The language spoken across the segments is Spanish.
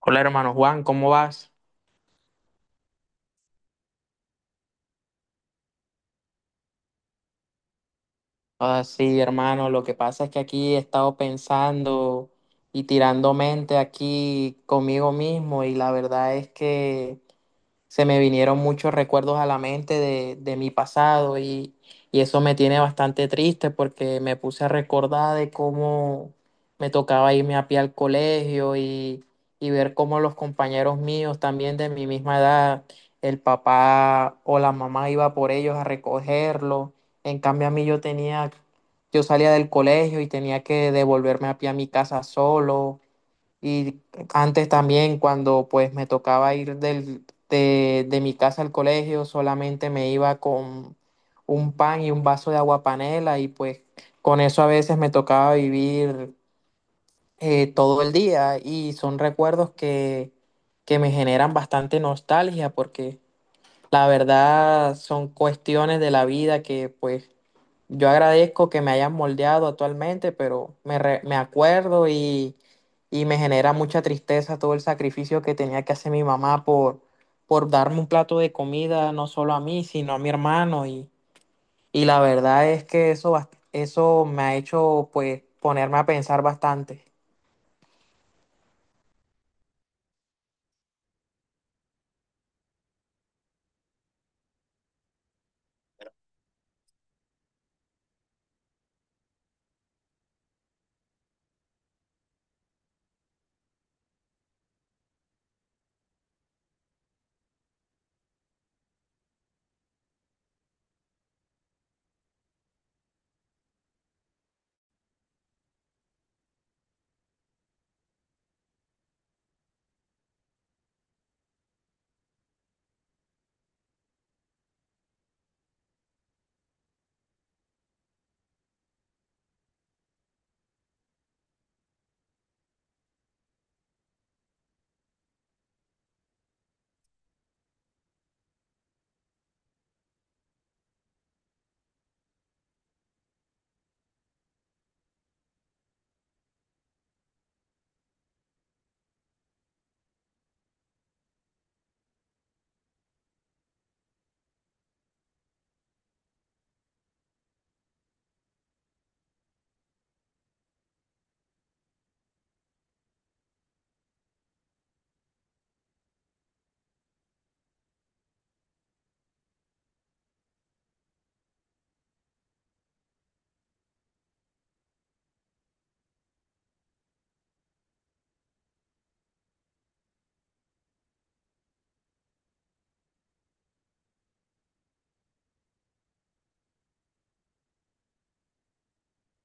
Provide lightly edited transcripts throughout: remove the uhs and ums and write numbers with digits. Hola hermano Juan, ¿cómo vas? Ah, sí, hermano, lo que pasa es que aquí he estado pensando y tirando mente aquí conmigo mismo y la verdad es que se me vinieron muchos recuerdos a la mente de mi pasado y eso me tiene bastante triste porque me puse a recordar de cómo me tocaba irme a pie al colegio y ver cómo los compañeros míos también de mi misma edad, el papá o la mamá iba por ellos a recogerlo. En cambio a mí yo tenía, yo salía del colegio y tenía que devolverme a pie a mi casa solo y antes también cuando pues me tocaba ir de mi casa al colegio, solamente me iba con un pan y un vaso de agua panela y pues con eso a veces me tocaba vivir todo el día y son recuerdos que me generan bastante nostalgia porque la verdad son cuestiones de la vida que pues yo agradezco que me hayan moldeado actualmente, pero me acuerdo y me genera mucha tristeza todo el sacrificio que tenía que hacer mi mamá por darme un plato de comida, no solo a mí, sino a mi hermano. Y la verdad es que eso me ha hecho pues ponerme a pensar bastante.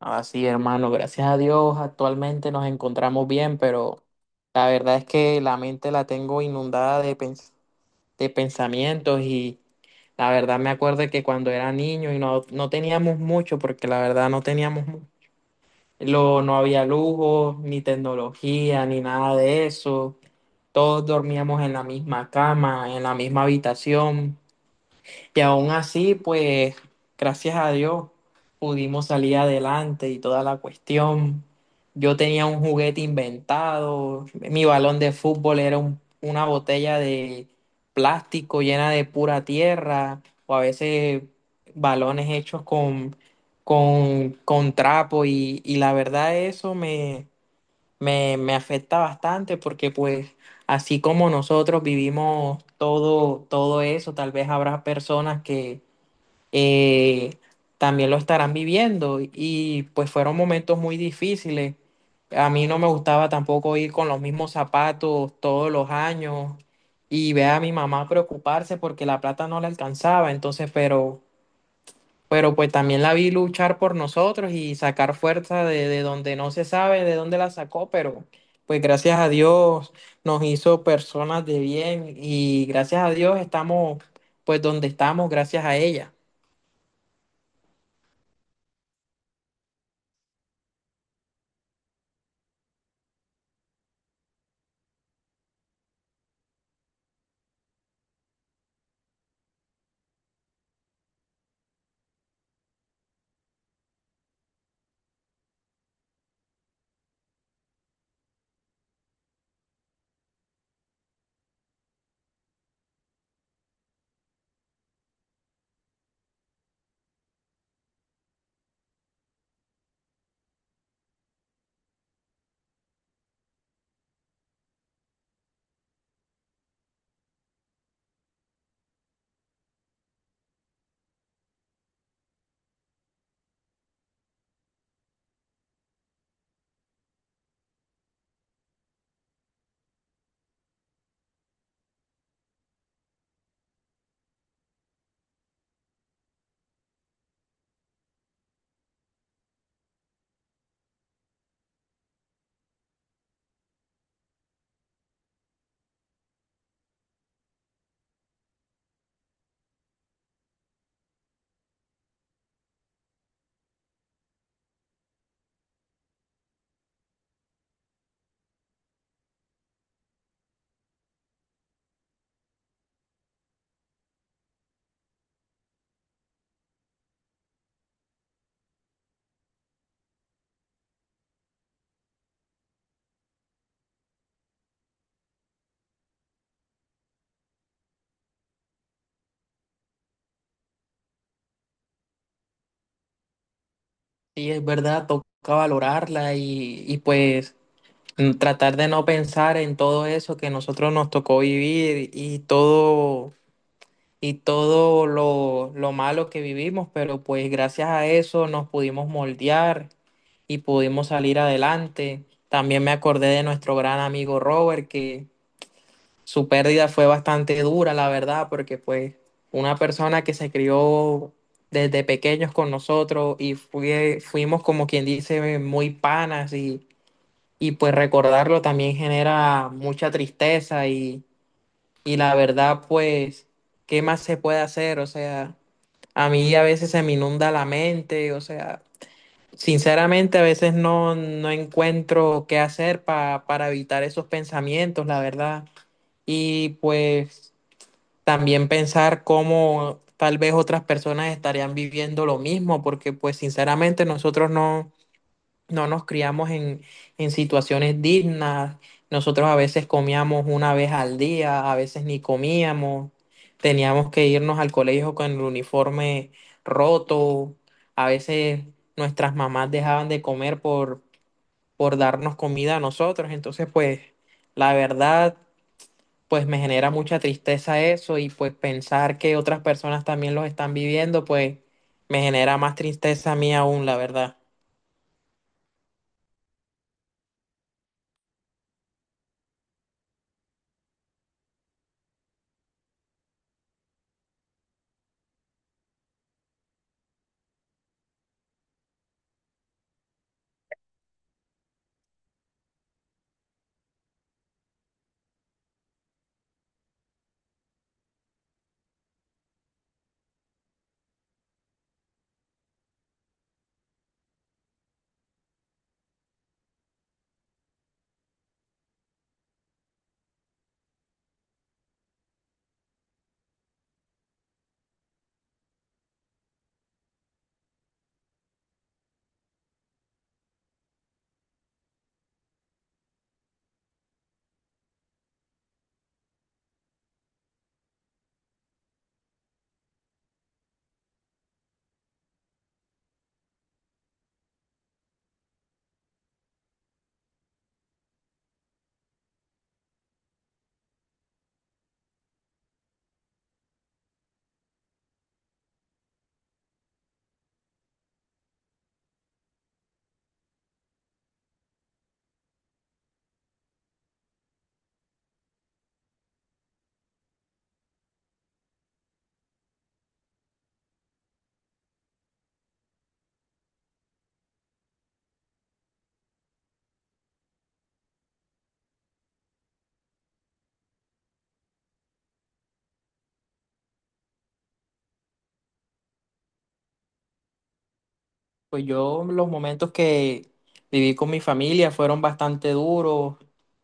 Así, hermano, gracias a Dios, actualmente nos encontramos bien, pero la verdad es que la mente la tengo inundada de pensamientos y la verdad me acuerdo que cuando era niño y no teníamos mucho, porque la verdad no teníamos, no había lujo, ni tecnología, ni nada de eso. Todos dormíamos en la misma cama, en la misma habitación. Y aún así, pues, gracias a Dios, pudimos salir adelante y toda la cuestión. Yo tenía un juguete inventado, mi balón de fútbol era una botella de plástico llena de pura tierra, o a veces balones hechos con trapo, y la verdad eso me afecta bastante porque pues así como nosotros vivimos todo, todo eso, tal vez habrá personas que eh, también lo estarán viviendo y pues fueron momentos muy difíciles. A mí no me gustaba tampoco ir con los mismos zapatos todos los años y ver a mi mamá preocuparse porque la plata no le alcanzaba, entonces, pero pues también la vi luchar por nosotros y sacar fuerza de donde no se sabe de dónde la sacó, pero pues gracias a Dios nos hizo personas de bien y gracias a Dios estamos pues donde estamos gracias a ella. Sí, es verdad, toca valorarla y pues tratar de no pensar en todo eso que nosotros nos tocó vivir y todo y lo malo que vivimos, pero pues gracias a eso nos pudimos moldear y pudimos salir adelante. También me acordé de nuestro gran amigo Robert, que su pérdida fue bastante dura, la verdad, porque pues una persona que se crió desde pequeños con nosotros y fuimos como quien dice muy panas y pues recordarlo también genera mucha tristeza y la verdad, pues, ¿qué más se puede hacer? O sea, a mí a veces se me inunda la mente, o sea, sinceramente a veces no encuentro qué hacer para evitar esos pensamientos, la verdad. Y pues también pensar cómo tal vez otras personas estarían viviendo lo mismo, porque pues sinceramente nosotros no, no nos criamos en situaciones dignas. Nosotros a veces comíamos una vez al día, a veces ni comíamos. Teníamos que irnos al colegio con el uniforme roto. A veces nuestras mamás dejaban de comer por darnos comida a nosotros. Entonces, pues, la verdad, pues me genera mucha tristeza eso y pues pensar que otras personas también los están viviendo, pues me genera más tristeza a mí aún, la verdad. Pues yo los momentos que viví con mi familia fueron bastante duros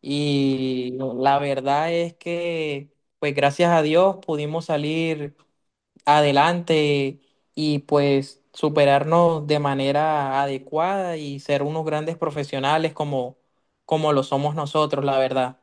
y la verdad es que pues gracias a Dios pudimos salir adelante y pues superarnos de manera adecuada y ser unos grandes profesionales como, como lo somos nosotros, la verdad.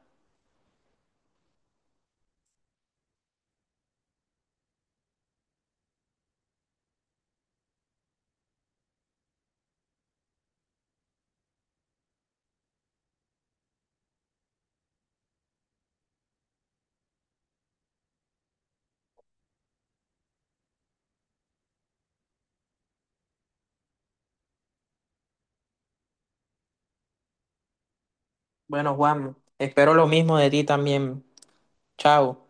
Bueno, Juan, espero lo mismo de ti también. Chao.